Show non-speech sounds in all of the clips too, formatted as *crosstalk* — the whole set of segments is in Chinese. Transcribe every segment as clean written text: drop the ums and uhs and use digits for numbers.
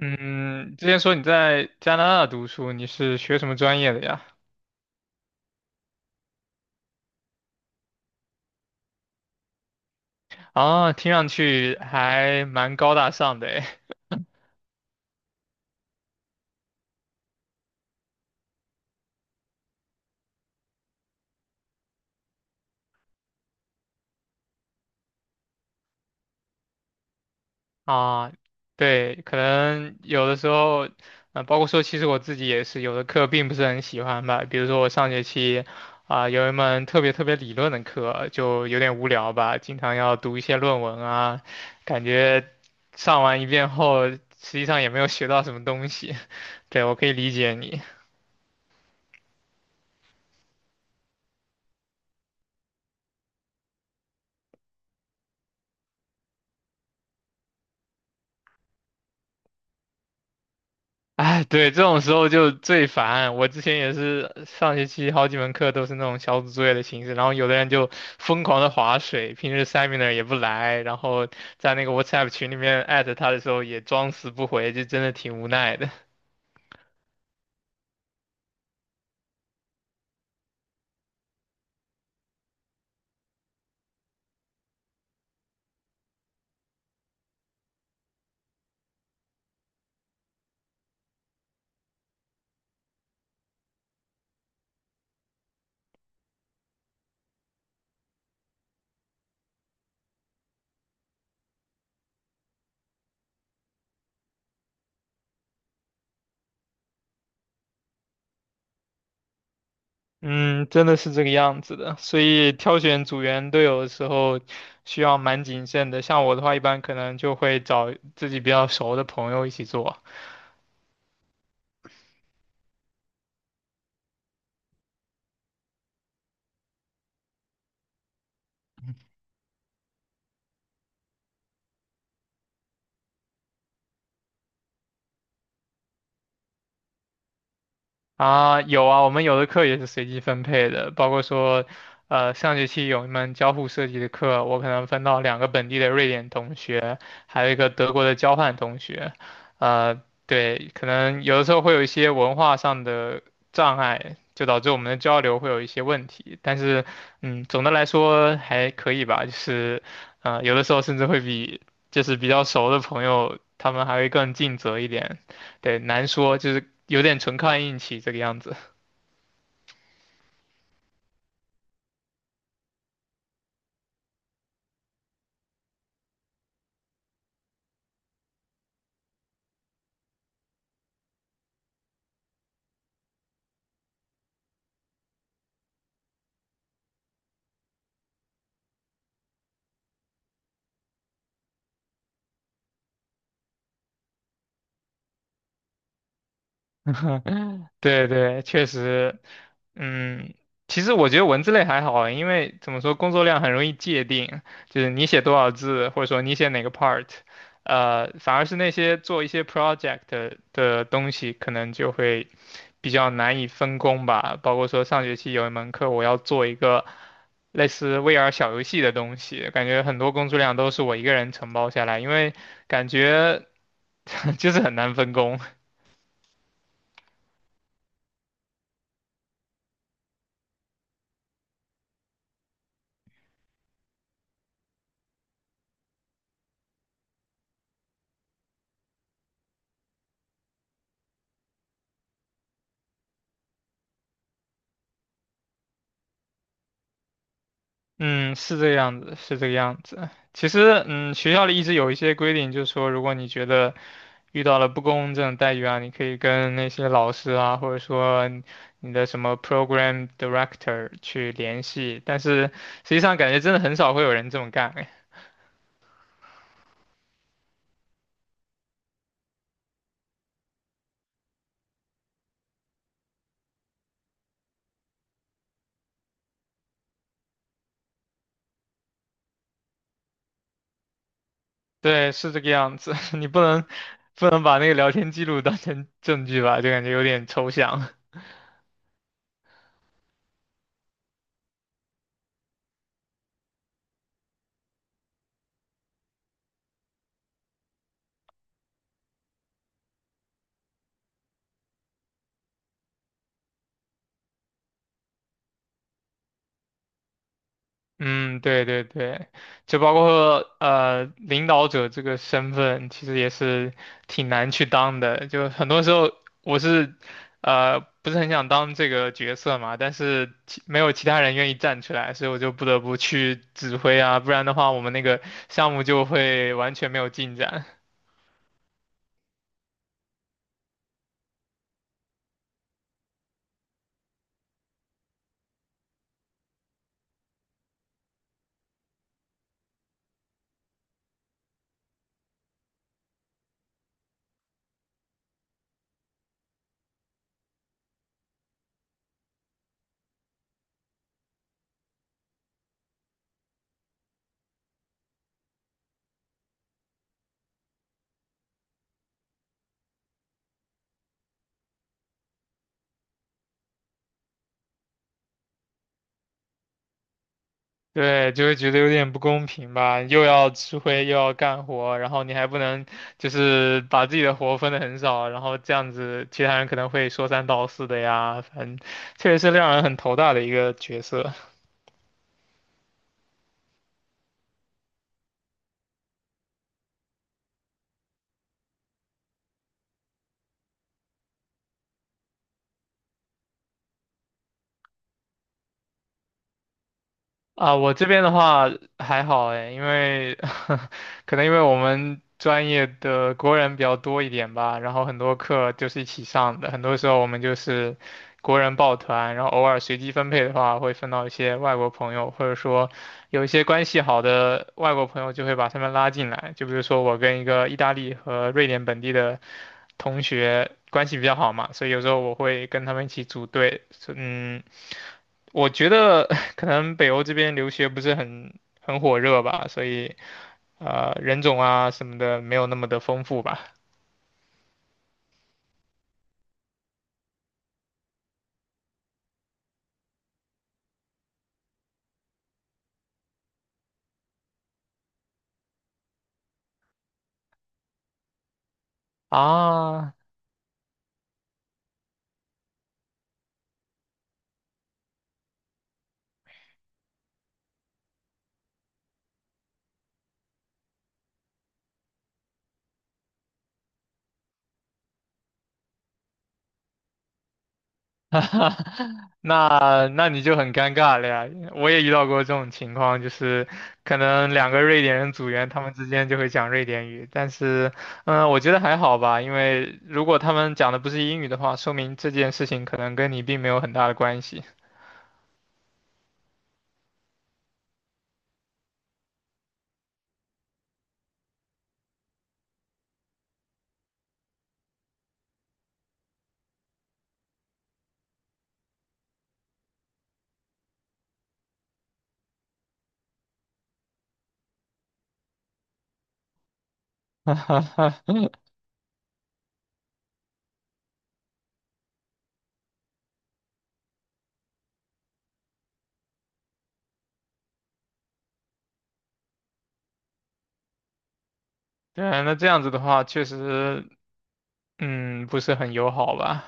嗯，之前说你在加拿大读书，你是学什么专业的呀？啊，听上去还蛮高大上的诶。啊，对，可能有的时候，包括说，其实我自己也是有的课并不是很喜欢吧。比如说我上学期，有一门特别特别理论的课，就有点无聊吧，经常要读一些论文啊，感觉上完一遍后，实际上也没有学到什么东西。*laughs* 对，我可以理解你。*laughs* 哎，对，这种时候就最烦。我之前也是上学期好几门课都是那种小组作业的形式，然后有的人就疯狂的划水，平时 seminar 也不来，然后在那个 WhatsApp 群里面艾特他的时候也装死不回，就真的挺无奈的。*laughs* 嗯，真的是这个样子的，所以挑选组员队友的时候需要蛮谨慎的。像我的话，一般可能就会找自己比较熟的朋友一起做。啊，有啊，我们有的课也是随机分配的，包括说，上学期有一门交互设计的课，我可能分到两个本地的瑞典同学，还有一个德国的交换同学，呃，对，可能有的时候会有一些文化上的障碍，就导致我们的交流会有一些问题，但是，嗯，总的来说还可以吧，就是，有的时候甚至会比就是比较熟的朋友，他们还会更尽责一点。对，难说，就是有点纯靠运气这个样子。*laughs* 对对，确实，嗯，其实我觉得文字类还好啊，因为怎么说，工作量很容易界定，就是你写多少字，或者说你写哪个 part，反而是那些做一些 project 的东西，可能就会比较难以分工吧。包括说上学期有一门课，我要做一个类似 VR 小游戏的东西，感觉很多工作量都是我一个人承包下来，因为感觉 *laughs* 就是很难分工。嗯，是这个样子，是这个样子。其实，嗯，学校里一直有一些规定，就是说，如果你觉得遇到了不公正的待遇啊，你可以跟那些老师啊，或者说你的什么 program director 去联系。但是实际上，感觉真的很少会有人这么干。哎，对，是这个样子。*laughs* 你不能把那个聊天记录当成证据吧，就感觉有点抽象。嗯，对对对，就包括领导者这个身份，其实也是挺难去当的。就很多时候我是不是很想当这个角色嘛，但是其没有其他人愿意站出来，所以我就不得不去指挥啊，不然的话我们那个项目就会完全没有进展。对，就会觉得有点不公平吧，又要吃灰又要干活，然后你还不能就是把自己的活分的很少，然后这样子其他人可能会说三道四的呀，反正确实是让人很头大的一个角色。啊，我这边的话还好哎，因为 *laughs* 可能因为我们专业的国人比较多一点吧，然后很多课就是一起上的，很多时候我们就是国人抱团，然后偶尔随机分配的话，会分到一些外国朋友，或者说有一些关系好的外国朋友就会把他们拉进来，就比如说我跟一个意大利和瑞典本地的同学关系比较好嘛，所以有时候我会跟他们一起组队，嗯。我觉得 *laughs* 可能北欧这边留学不是很火热吧，所以人种啊什么的没有那么的丰富吧。啊，*laughs* 那你就很尴尬了呀！我也遇到过这种情况，就是可能两个瑞典人组员，他们之间就会讲瑞典语，但是，嗯，我觉得还好吧，因为如果他们讲的不是英语的话，说明这件事情可能跟你并没有很大的关系。*laughs* 对，那这样子的话，确实嗯，不是很友好吧？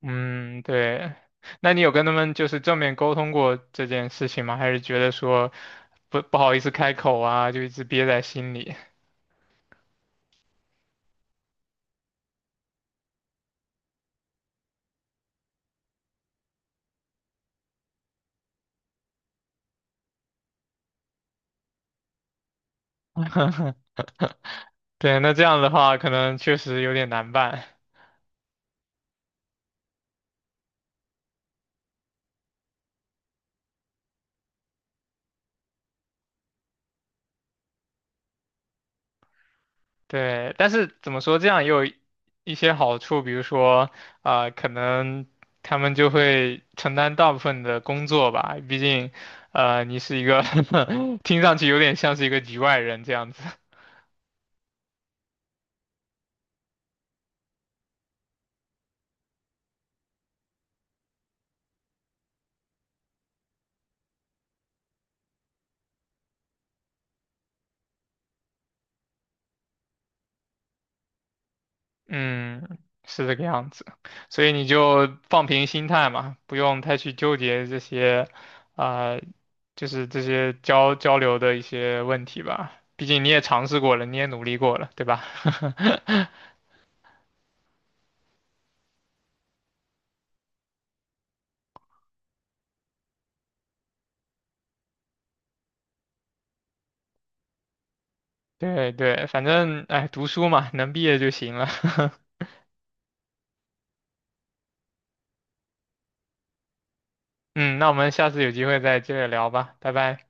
嗯，对。那你有跟他们就是正面沟通过这件事情吗？还是觉得说不好意思开口啊，就一直憋在心里？*laughs* 对，那这样的话可能确实有点难办。对，但是怎么说，这样也有一些好处，比如说，啊，可能他们就会承担大部分的工作吧，毕竟，你是一个 *laughs* 听上去有点像是一个局外人这样子。嗯，是这个样子，所以你就放平心态嘛，不用太去纠结这些，啊、就是这些交流的一些问题吧。毕竟你也尝试过了，你也努力过了，对吧？*laughs* 对对，反正哎，读书嘛，能毕业就行了。*laughs* 嗯，那我们下次有机会再接着聊吧，拜拜。